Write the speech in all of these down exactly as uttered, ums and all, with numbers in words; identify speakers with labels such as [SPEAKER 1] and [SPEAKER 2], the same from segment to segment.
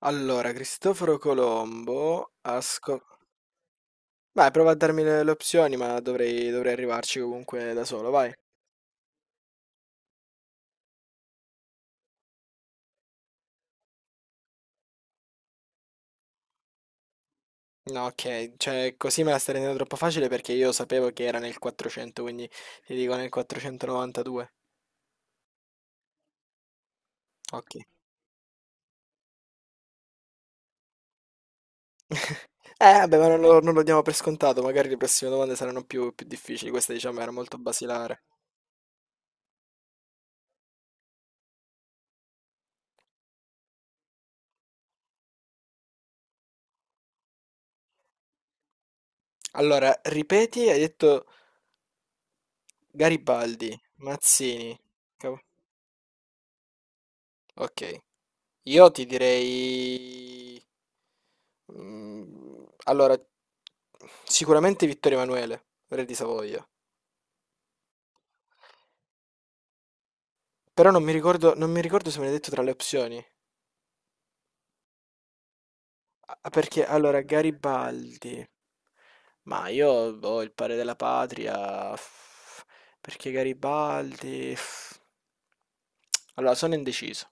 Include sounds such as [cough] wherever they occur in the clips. [SPEAKER 1] Allora, Cristoforo Colombo ha scop- Vai, prova a darmi le, le opzioni, ma dovrei, dovrei arrivarci comunque da solo, vai. No, ok, cioè così me la stai rendendo troppo facile perché io sapevo che era nel quattrocento, quindi ti dico nel quattrocentonovantadue. Ok. [laughs] Eh, vabbè, ma non lo, non lo diamo per scontato, magari le prossime domande saranno più, più difficili, questa diciamo era molto basilare. Allora, ripeti, hai detto Garibaldi, Mazzini. Cav- Ok. Io ti direi. Mm, Allora, sicuramente Vittorio Emanuele, re di Savoia. Però non mi ricordo, non mi ricordo se me l'hai detto tra le opzioni. Ah, perché, allora, Garibaldi. Ma io ho il padre della patria, f- perché Garibaldi, f- allora, sono indeciso.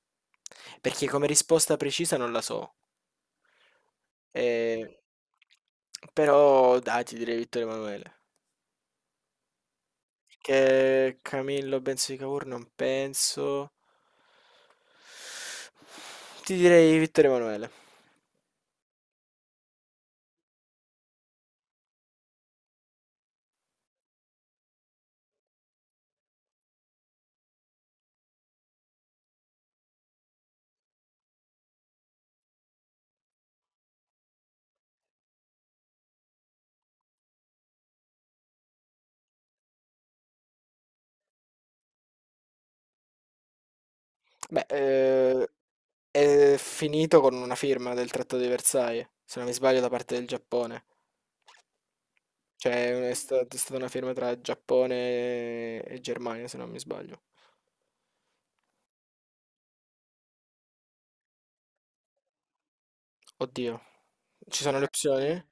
[SPEAKER 1] Perché come risposta precisa non la so. Eh, Però, dai, ti direi Vittorio Emanuele. Che Camillo Benso di Cavour non penso. Ti direi Vittorio Emanuele. Beh, eh, è finito con una firma del Trattato di Versailles, se non mi sbaglio, da parte del Giappone. Cioè, è sta- è stata una firma tra Giappone e Germania, se non mi sbaglio. Oddio. Ci sono le opzioni?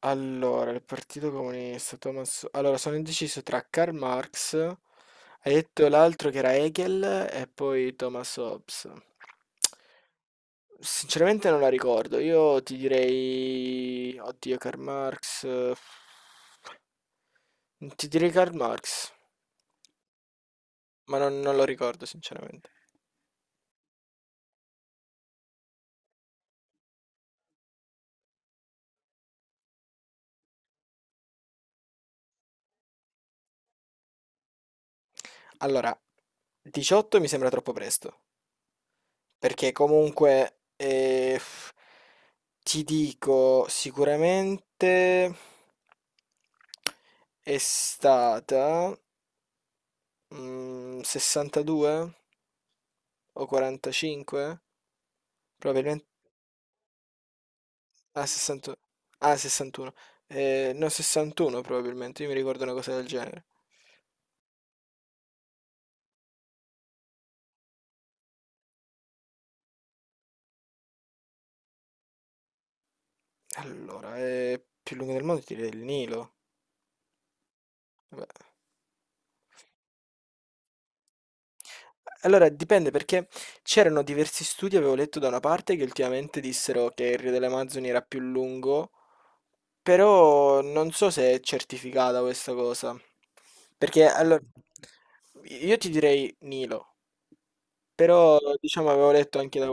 [SPEAKER 1] Allora, il Partito Comunista, Thomas. Allora, sono indeciso tra Karl Marx, hai detto l'altro che era Hegel e poi Thomas Hobbes. Sinceramente non la ricordo, io ti direi. Oddio, Karl Marx, eh, Ti direi Karl Marx, ma non, non lo ricordo sinceramente. Allora, diciotto mi sembra troppo presto. Perché comunque eh, f- ti dico sicuramente è stata mm, sessantadue o quarantacinque? Probabilmente. Ah, sessantuno. Ah, sessantuno. Eh, no, sessantuno probabilmente, io mi ricordo una cosa del genere. Allora, è più lungo del mondo, ti direi il Nilo. Vabbè. Allora dipende perché c'erano diversi studi, avevo letto da una parte, che ultimamente dissero che il Rio delle Amazzoni era più lungo, però non so se è certificata questa cosa. Perché allora io ti direi Nilo, però diciamo avevo letto anche da,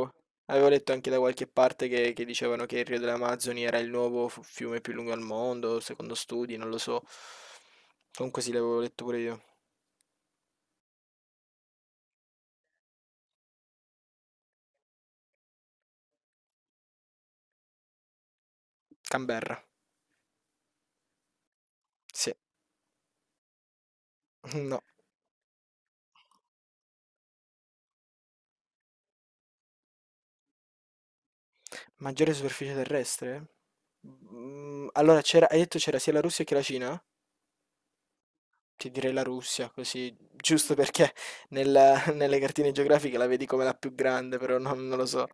[SPEAKER 1] avevo letto anche da qualche parte che, che dicevano che il Rio delle Amazzoni era il nuovo fu- fiume più lungo al mondo, secondo studi, non lo so. Comunque sì, l'avevo letto pure io. Canberra, sì, [laughs] no. Maggiore superficie terrestre? Mm, allora, c'era, hai detto c'era sia la Russia che la Cina? Ti direi la Russia, così, giusto perché nella- [laughs] nelle cartine geografiche la vedi come la più grande, però non, non lo so.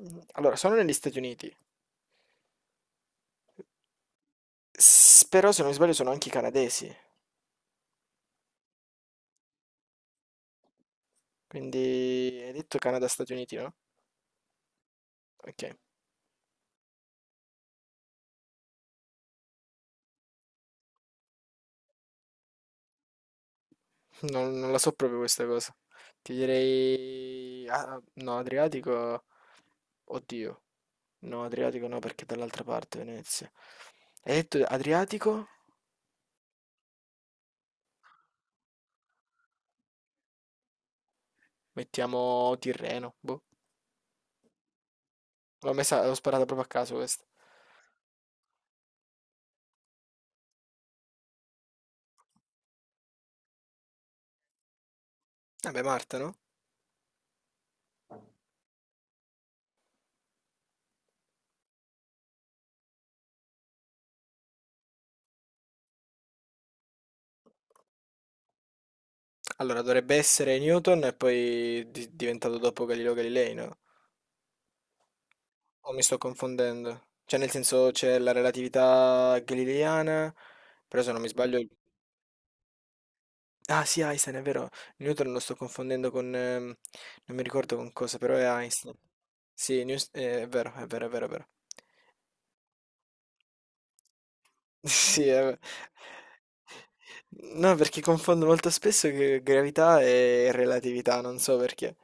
[SPEAKER 1] Mm, Allora, sono negli Stati Uniti, S- però se non mi sbaglio sono anche i canadesi, quindi hai detto Canada-Stati Uniti, no? Ok, non, non la so proprio questa cosa. Ti direi, ah, no, Adriatico. Oddio, no, Adriatico no perché è dall'altra parte Venezia. Hai detto Adriatico? Mettiamo Tirreno. Boh. L'ho messa, l'ho sparata proprio a caso questa. Vabbè, Marta, no? Allora, dovrebbe essere Newton e poi di- diventato dopo Galileo Galilei, no? O mi sto confondendo? Cioè, nel senso, c'è la relatività galileiana, però se non mi sbaglio. Ah, sì, Einstein, è vero. Newton lo sto confondendo con, ehm, non mi ricordo con cosa, però è Einstein. Sì, News- eh, è vero, è vero, è vero, è vero. [laughs] Sì, è vero. No, perché confondo molto spesso che gravità e relatività, non so perché.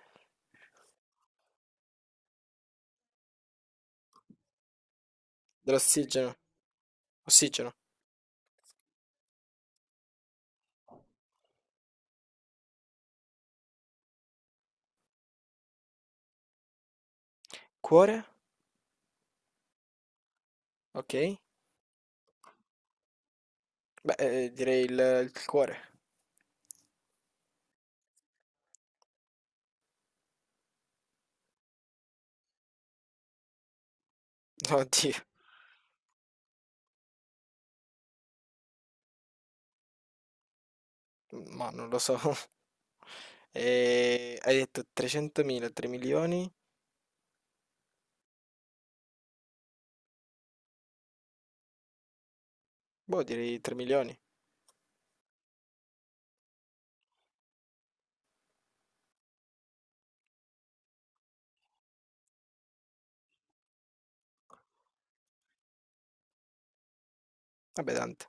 [SPEAKER 1] Dell'ossigeno. Ossigeno. Cuore? Ok. Beh, eh, direi il, il cuore. [laughs] Oddio, ma non lo so. [laughs] E... Hai detto trecentomila, tre milioni? Boh, direi tre milioni. Vabbè, tante.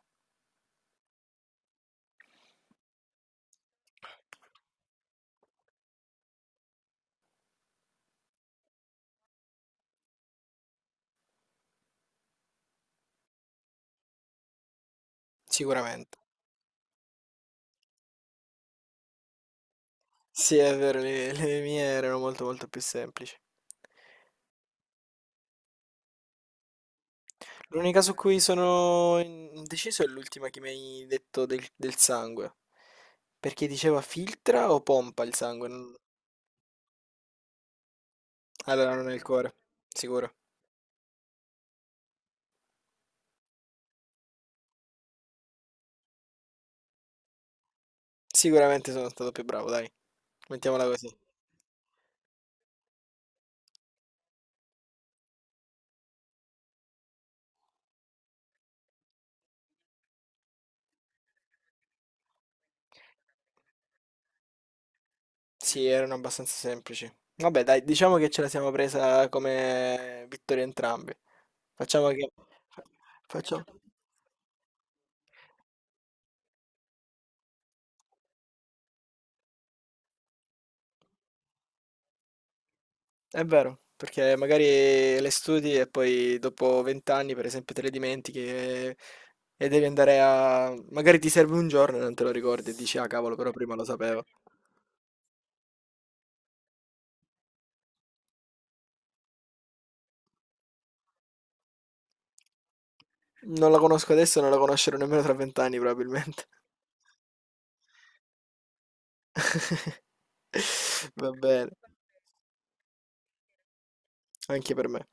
[SPEAKER 1] Sicuramente. Sì, è vero, le, le mie erano molto molto più semplici. L'unica su cui sono indeciso è l'ultima che mi hai detto del, del sangue. Perché diceva filtra o pompa il sangue? Non- Allora non è il cuore, sicuro. Sicuramente sono stato più bravo, dai. Mettiamola così. Sì, erano abbastanza semplici. Vabbè, dai, diciamo che ce la siamo presa come vittoria entrambi. Facciamo che. fa- Facciamo. È vero, perché magari le studi e poi dopo venti anni, per esempio, te le dimentichi e, e devi andare a. Magari ti serve un giorno e non te lo ricordi e dici, ah cavolo, però prima lo sapevo. Non la conosco adesso e non la conoscerò nemmeno tra venti anni probabilmente. [laughs] Va bene, anche per me.